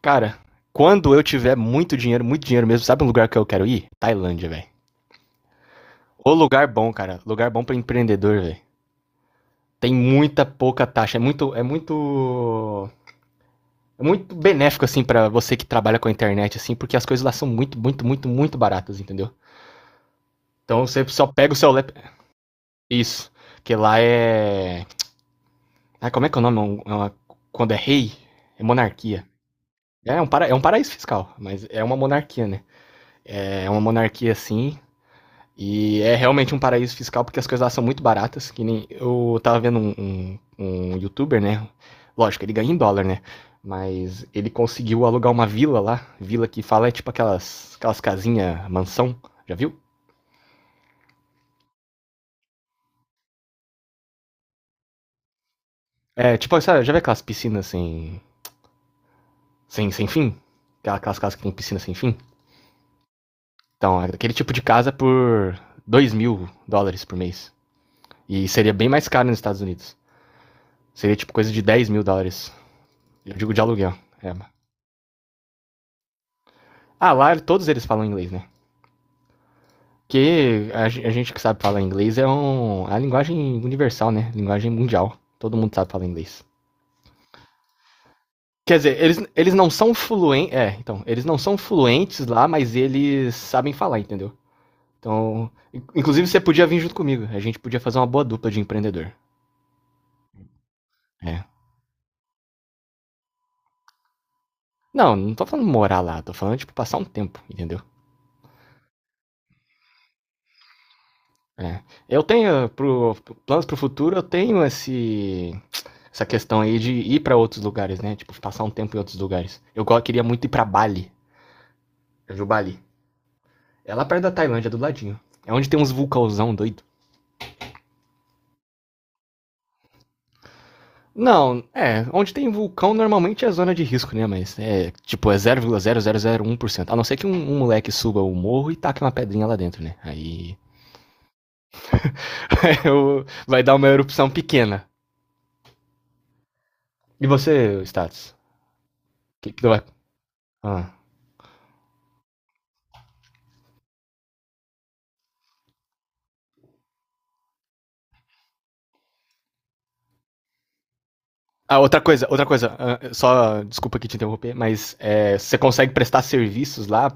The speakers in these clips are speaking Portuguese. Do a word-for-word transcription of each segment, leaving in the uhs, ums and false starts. Cara, quando eu tiver muito dinheiro, muito dinheiro mesmo, sabe um lugar que eu quero ir? Tailândia, velho. O lugar bom, cara. Lugar bom pra empreendedor, velho. Tem muita pouca taxa. É muito. É muito. É muito benéfico, assim, pra você que trabalha com a internet, assim, porque as coisas lá são muito, muito, muito, muito baratas, entendeu? Então você só pega o seu lap. Isso. Que lá é. Ah, como é que é o nome? É um, é uma- Quando é rei? É monarquia. É um, para... é um paraíso fiscal, mas é uma monarquia, né? É uma monarquia assim. E é realmente um paraíso fiscal porque as coisas lá são muito baratas. Que nem eu tava vendo um, um, um youtuber, né? Lógico, ele ganha em dólar, né? Mas ele conseguiu alugar uma vila lá. Vila que fala é tipo aquelas, aquelas casinhas mansão. Já viu? É tipo, sabe, já vê aquelas piscinas sem, sem, sem fim? Aquelas casas que tem piscina sem fim? Então, é aquele tipo de casa por dois mil dólares por mês. E seria bem mais caro nos Estados Unidos. Seria tipo coisa de dez mil dólares. Eu digo de aluguel. É, Ah, lá todos eles falam inglês, né? Porque a, gen- a gente que sabe falar inglês é um, a linguagem universal, né? Linguagem mundial. Todo mundo sabe falar inglês. Quer dizer, eles, eles não são fluentes. É, então, eles não são fluentes lá, mas eles sabem falar, entendeu? Então, in- inclusive você podia vir junto comigo. A gente podia fazer uma boa dupla de empreendedor. É. Não, não tô falando morar lá, tô falando, tipo, passar um tempo, entendeu? É. Eu tenho, pro, planos pro futuro, eu tenho esse, essa questão aí de ir para outros lugares, né? Tipo, passar um tempo em outros lugares. Eu queria muito ir para Bali, Jubali. É lá perto da Tailândia, do ladinho. É onde tem uns vulcãozão doido. Não, é, onde tem vulcão normalmente é zona de risco, né? Mas é, tipo, é zero vírgula zero zero zero vírgula um por cento. A não ser que um, um moleque suba o morro e taque uma pedrinha lá dentro, né? Aí vai dar uma erupção pequena. E você, Status? Que que vai... Ah. Ah, outra coisa, outra coisa, ah, só desculpa que te interromper, mas é, você consegue prestar serviços lá,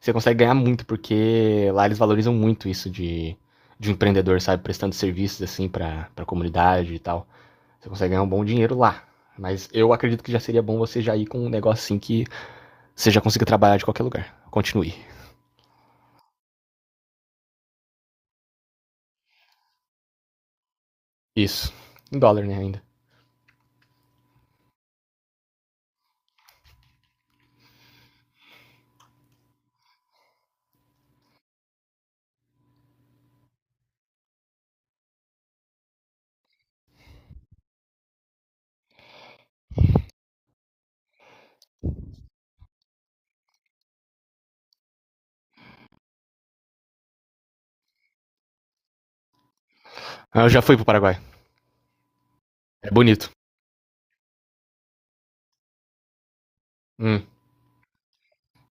você consegue ganhar muito, porque lá eles valorizam muito isso de, de um empreendedor, sabe? Prestando serviços, assim, pra, pra comunidade e tal. Você consegue ganhar um bom dinheiro lá. Mas eu acredito que já seria bom você já ir com um negócio assim que você já consiga trabalhar de qualquer lugar. Continue. Isso. Em dólar, né, ainda. Ah, eu já fui pro Paraguai. É bonito. Hum.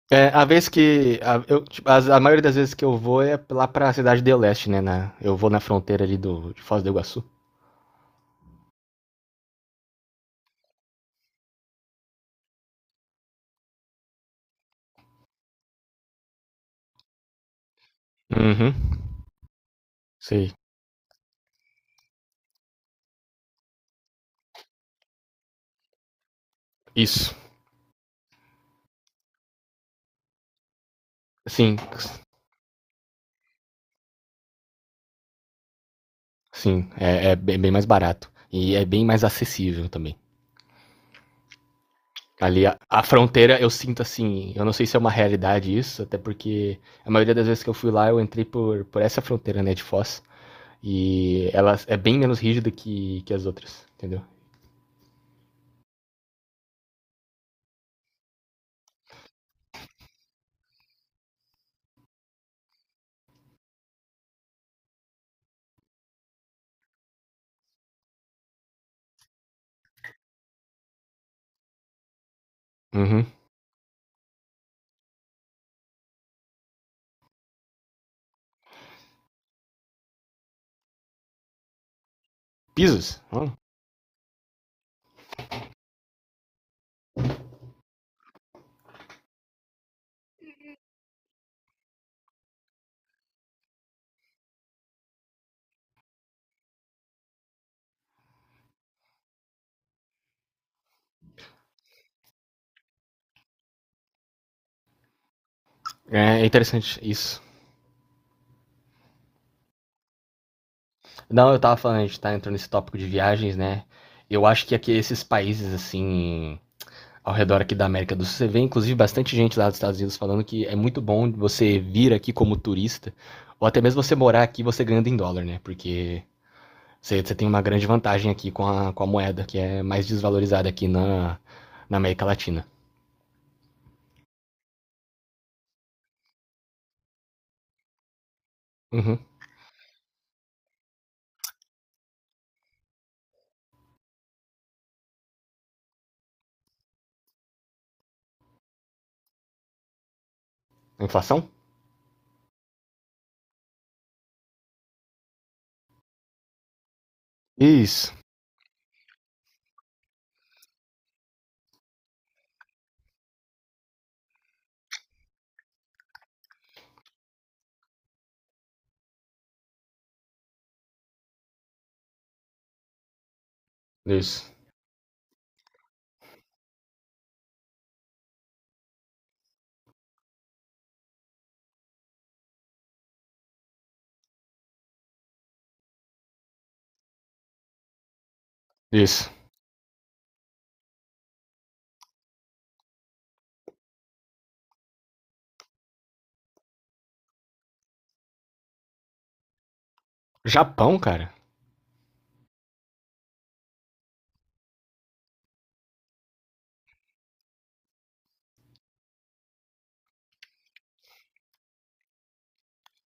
É, a vez que. A, eu, tipo, as- a maioria das vezes que eu vou é lá pra cidade do Leste, né? Na- eu vou na fronteira ali do, de Foz do Iguaçu. Uhum. Sei. Isso. Sim, sim, é, é bem bem mais barato. E é bem mais acessível também. Ali, a, a fronteira, eu sinto assim, eu não sei se é uma realidade isso, até porque a maioria das vezes que eu fui lá, eu entrei por, por essa fronteira, né, de Foz. E ela é bem menos rígida que, que as outras, entendeu? Uhum. Pisos? Ó. É interessante isso. Não, eu tava falando, a gente tá entrando nesse tópico de viagens, né? Eu acho que aqui esses países, assim, ao redor aqui da América do Sul. Você vê, inclusive, bastante gente lá dos Estados Unidos falando que é muito bom você vir aqui como turista, ou até mesmo você morar aqui você ganhando em dólar, né? Porque você, você tem uma grande vantagem aqui com a, com a moeda, que é mais desvalorizada aqui na, na América Latina. Uhum. A inflação? Isso. Isso. Isso. Japão, cara?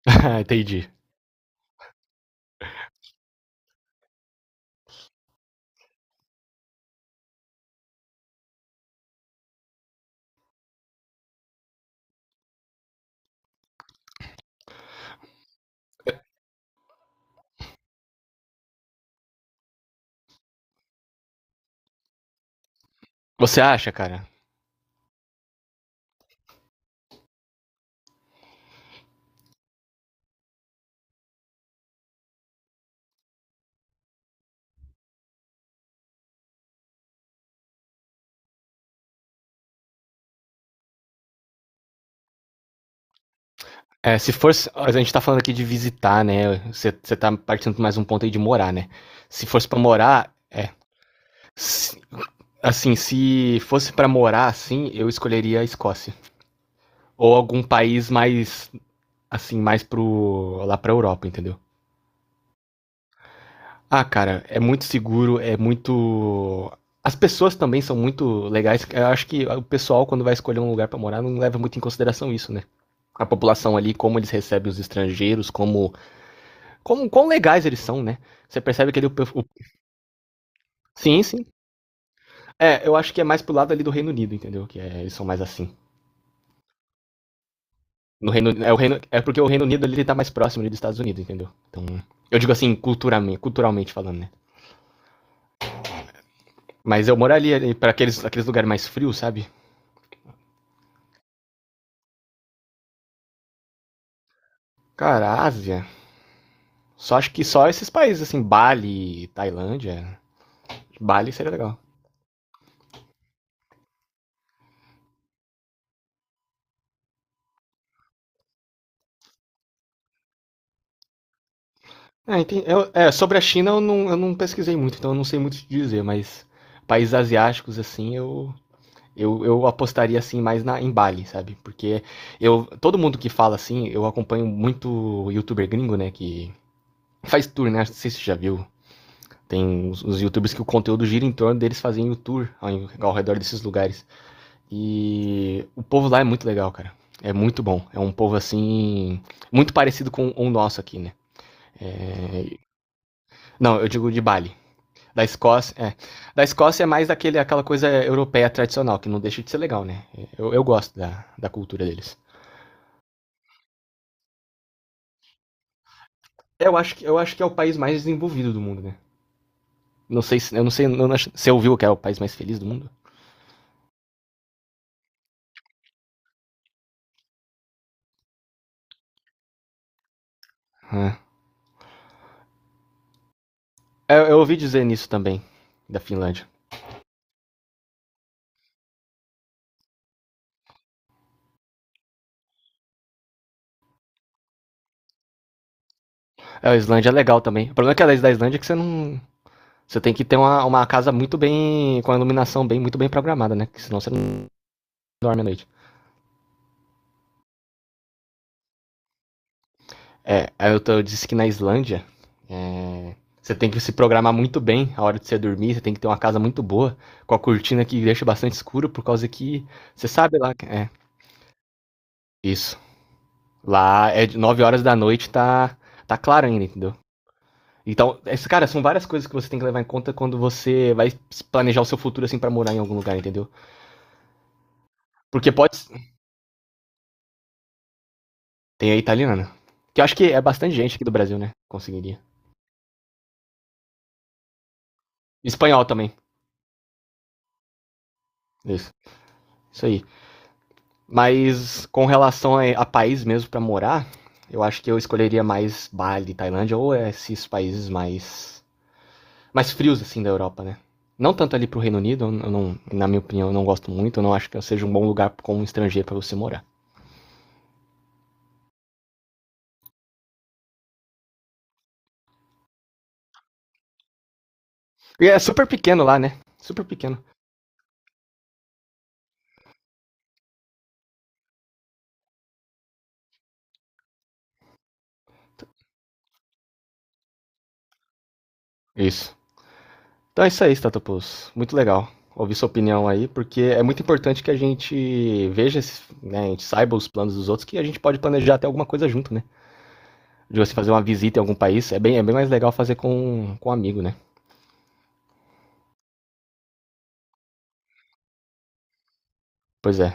Entendi. Você acha, cara? É, se fosse. A gente tá falando aqui de visitar, né? Você, você tá partindo mais um ponto aí de morar, né? Se fosse pra morar, é. Se- Assim, se fosse pra morar assim, eu escolheria a Escócia. Ou algum país mais, assim, mais pro. Lá pra Europa, entendeu? Ah, cara, é muito seguro, é muito. As pessoas também são muito legais. Eu acho que o pessoal, quando vai escolher um lugar pra morar, não leva muito em consideração isso, né? A população ali, como eles recebem os estrangeiros, como. Como quão legais eles são, né? Você percebe que ele. O- Sim, sim. É, eu acho que é mais pro lado ali do Reino Unido, entendeu? Que é, eles são mais assim. No Reino, é, o Reino, é porque o Reino Unido ele tá mais próximo ali dos Estados Unidos, entendeu? Então, eu digo assim, culturalmente, culturalmente falando, né? Mas eu moraria ali pra aqueles, aqueles lugares mais frios, sabe? Cara, Ásia. Só acho que só esses países, assim, Bali, Tailândia. Bali seria legal. É, entendi, eu, é, sobre a China eu não, eu não pesquisei muito, então eu não sei muito te dizer, mas países asiáticos, assim, eu, eu, eu apostaria, assim, mais na, em Bali, sabe? Porque eu, todo mundo que fala assim, eu acompanho muito youtuber gringo, né, que faz tour, né? Não sei se você já viu. Tem os, os youtubers que o conteúdo gira em torno deles fazendo tour ao, ao redor desses lugares. E o povo lá é muito legal, cara. É muito bom. É um povo assim. Muito parecido com o nosso aqui, né? Não, eu digo de Bali. Da Escócia, é. Da Escócia é mais daquele, aquela coisa europeia tradicional, que não deixa de ser legal, né? Eu, eu gosto da, da cultura deles. Eu acho, que, eu acho que é o país mais desenvolvido do mundo, né? Não sei se. Eu não sei. Eu não, você ouviu que é o país mais feliz do mundo? Ah, Eu, eu ouvi dizer nisso também, da Finlândia. É, a Islândia é legal também. O problema é que a lei da Islândia é que você não. Você tem que ter uma, uma casa muito bem. Com a iluminação bem, muito bem programada, né? Porque senão você não dorme à noite. É, é, eu, tô- eu disse que na Islândia. É, você tem que se programar muito bem a hora de você dormir. Você tem que ter uma casa muito boa, com a cortina que deixa bastante escuro, por causa que. Você sabe lá. É, isso. Lá é de nove horas da noite, tá. Tá claro ainda, entendeu? Então, cara, são várias coisas que você tem que levar em conta quando você vai planejar o seu futuro, assim, para morar em algum lugar, entendeu? Porque pode. Tem a italiana. Que eu acho que é bastante gente aqui do Brasil, né? Conseguiria. Espanhol também. Isso. Isso aí. Mas com relação a, a país mesmo para morar, eu acho que eu escolheria mais Bali, Tailândia ou esses países mais mais frios assim da Europa, né? Não tanto ali pro Reino Unido, eu não, na minha opinião, eu não gosto muito, eu não acho que seja um bom lugar como um estrangeiro para você morar. E é super pequeno lá, né? Super pequeno. Isso. Então é isso aí, Statopus. Muito legal ouvir sua opinião aí, porque é muito importante que a gente veja, esses- né, a gente saiba os planos dos outros, que a gente pode planejar até alguma coisa junto, né? De você fazer uma visita em algum país, é bem, é bem mais legal fazer com, com um amigo, né? Pois é.